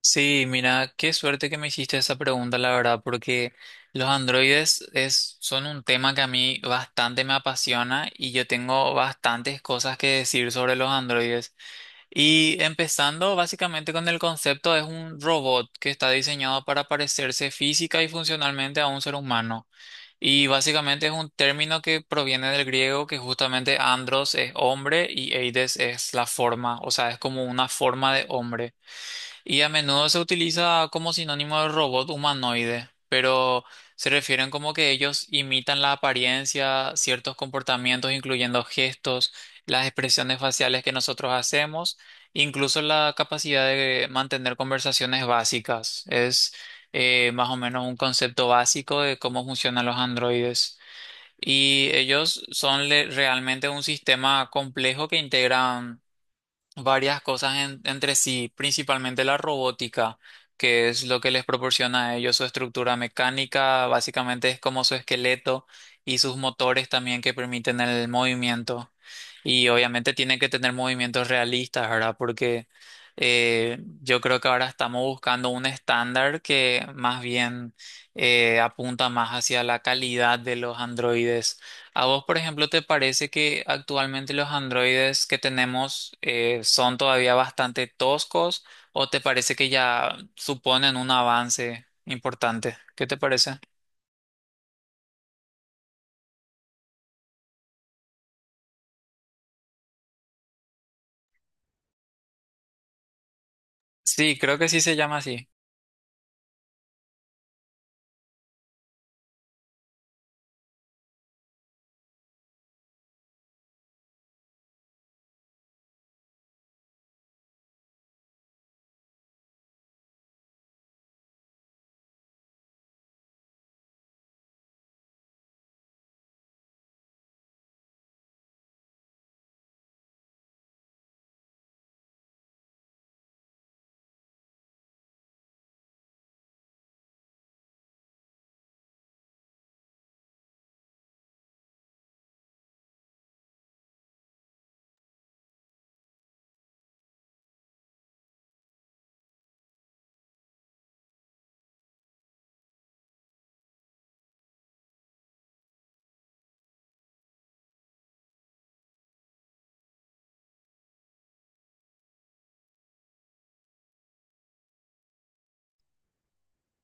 Sí, mira, qué suerte que me hiciste esa pregunta, la verdad, porque son un tema que a mí bastante me apasiona y yo tengo bastantes cosas que decir sobre los androides. Y empezando básicamente con el concepto, es un robot que está diseñado para parecerse física y funcionalmente a un ser humano. Y básicamente es un término que proviene del griego, que justamente andros es hombre y eides es la forma, o sea, es como una forma de hombre. Y a menudo se utiliza como sinónimo de robot humanoide, pero se refieren como que ellos imitan la apariencia, ciertos comportamientos, incluyendo gestos, las expresiones faciales que nosotros hacemos, incluso la capacidad de mantener conversaciones básicas. Es Más o menos un concepto básico de cómo funcionan los androides. Y ellos realmente un sistema complejo que integran varias cosas entre sí, principalmente la robótica, que es lo que les proporciona a ellos su estructura mecánica, básicamente es como su esqueleto y sus motores también que permiten el movimiento. Y obviamente tienen que tener movimientos realistas, ¿verdad? Porque yo creo que ahora estamos buscando un estándar que más bien apunta más hacia la calidad de los androides. ¿A vos, por ejemplo, te parece que actualmente los androides que tenemos son todavía bastante toscos o te parece que ya suponen un avance importante? ¿Qué te parece? Sí, creo que sí se llama así.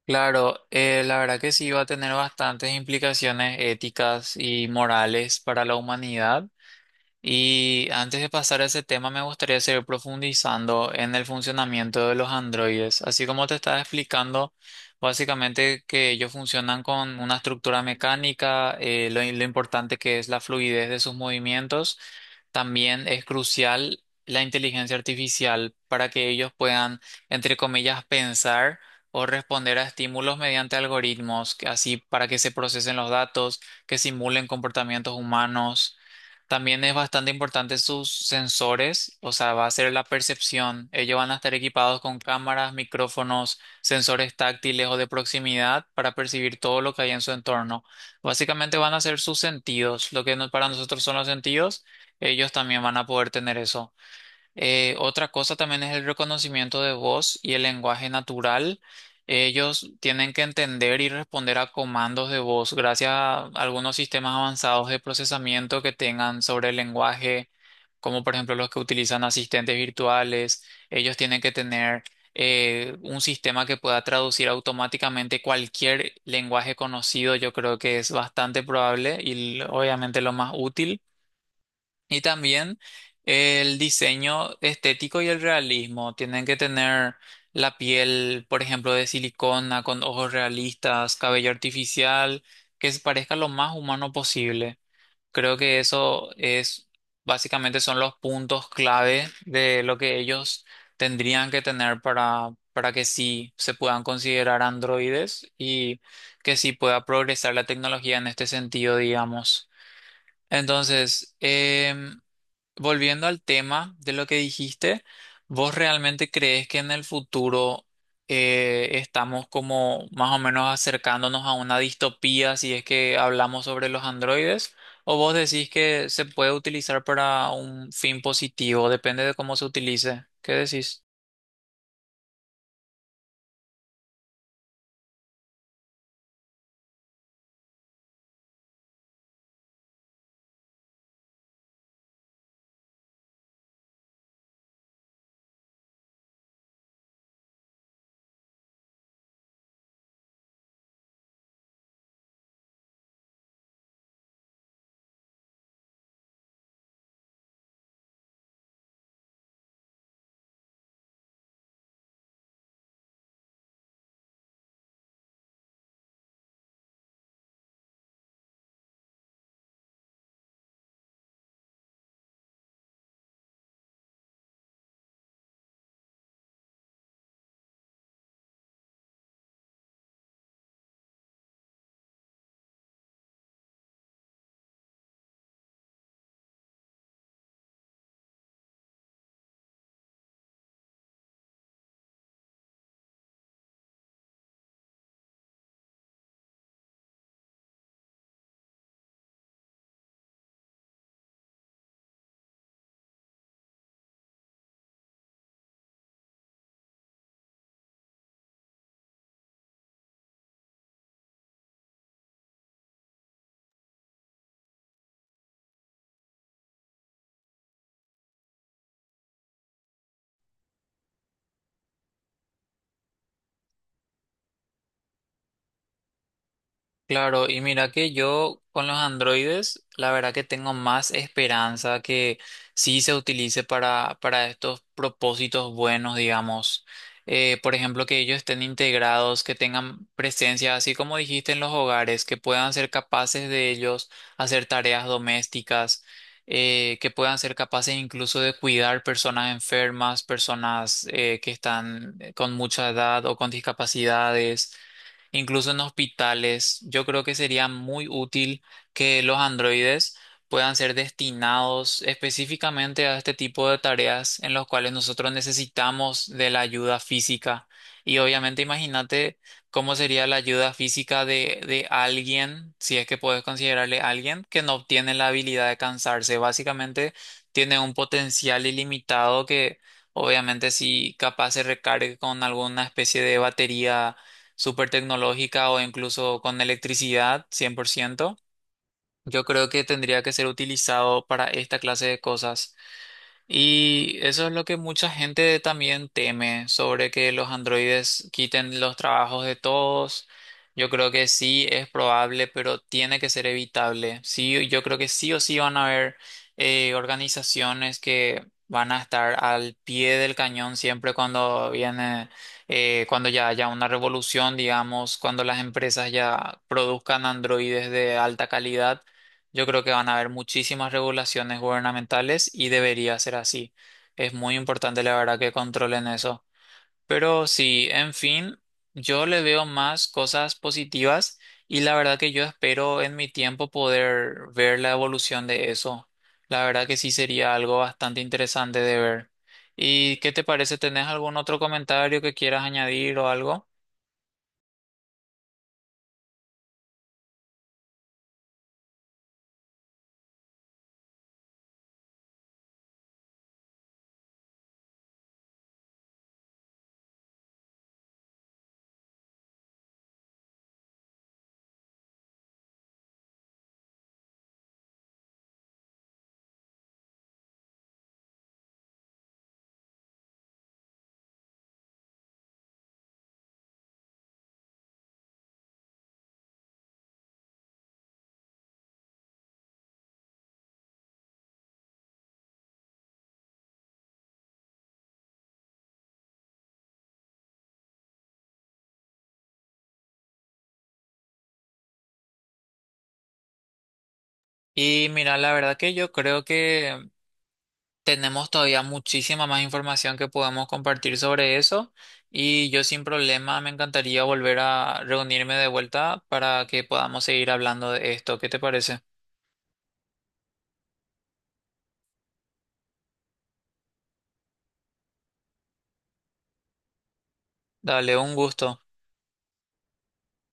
Claro, la verdad que sí va a tener bastantes implicaciones éticas y morales para la humanidad. Y antes de pasar a ese tema, me gustaría seguir profundizando en el funcionamiento de los androides. Así como te estaba explicando, básicamente que ellos funcionan con una estructura mecánica, lo importante que es la fluidez de sus movimientos. También es crucial la inteligencia artificial para que ellos puedan, entre comillas, pensar o responder a estímulos mediante algoritmos, que así para que se procesen los datos, que simulen comportamientos humanos. También es bastante importante sus sensores, o sea, va a ser la percepción. Ellos van a estar equipados con cámaras, micrófonos, sensores táctiles o de proximidad para percibir todo lo que hay en su entorno. Básicamente van a ser sus sentidos, lo que no- para nosotros son los sentidos, ellos también van a poder tener eso. Otra cosa también es el reconocimiento de voz y el lenguaje natural. Ellos tienen que entender y responder a comandos de voz gracias a algunos sistemas avanzados de procesamiento que tengan sobre el lenguaje, como por ejemplo los que utilizan asistentes virtuales. Ellos tienen que tener un sistema que pueda traducir automáticamente cualquier lenguaje conocido. Yo creo que es bastante probable y obviamente lo más útil. Y también el diseño estético y el realismo. Tienen que tener la piel, por ejemplo, de silicona, con ojos realistas, cabello artificial, que se parezca lo más humano posible. Creo que eso es, Básicamente son los puntos clave de lo que ellos tendrían que tener para que sí se puedan considerar androides y que sí pueda progresar la tecnología en este sentido, digamos. Entonces, volviendo al tema de lo que dijiste, ¿vos realmente crees que en el futuro estamos como más o menos acercándonos a una distopía si es que hablamos sobre los androides? ¿O vos decís que se puede utilizar para un fin positivo? Depende de cómo se utilice. ¿Qué decís? Claro, y mira que yo con los androides, la verdad que tengo más esperanza que sí se utilice para estos propósitos buenos, digamos. Por ejemplo, que ellos estén integrados, que tengan presencia, así como dijiste en los hogares, que puedan ser capaces de ellos hacer tareas domésticas, que puedan ser capaces incluso de cuidar personas enfermas, personas que están con mucha edad o con discapacidades incluso en hospitales. Yo creo que sería muy útil que los androides puedan ser destinados específicamente a este tipo de tareas en los cuales nosotros necesitamos de la ayuda física. Y obviamente imagínate cómo sería la ayuda física de alguien, si es que puedes considerarle alguien, que no obtiene la habilidad de cansarse. Básicamente tiene un potencial ilimitado que obviamente si capaz se recargue con alguna especie de batería súper tecnológica o incluso con electricidad 100%, yo creo que tendría que ser utilizado para esta clase de cosas. Y eso es lo que mucha gente también teme sobre que los androides quiten los trabajos de todos. Yo creo que sí es probable, pero tiene que ser evitable. Sí, yo creo que sí o sí van a haber organizaciones que van a estar al pie del cañón siempre cuando viene, cuando ya haya una revolución, digamos, cuando las empresas ya produzcan androides de alta calidad, yo creo que van a haber muchísimas regulaciones gubernamentales y debería ser así. Es muy importante, la verdad, que controlen eso. Pero sí, en fin, yo le veo más cosas positivas y la verdad que yo espero en mi tiempo poder ver la evolución de eso. La verdad que sí sería algo bastante interesante de ver. ¿Y qué te parece? ¿Tenés algún otro comentario que quieras añadir o algo? Y mira, la verdad que yo creo que tenemos todavía muchísima más información que podemos compartir sobre eso y yo sin problema me encantaría volver a reunirme de vuelta para que podamos seguir hablando de esto. ¿Qué te parece? Dale, un gusto.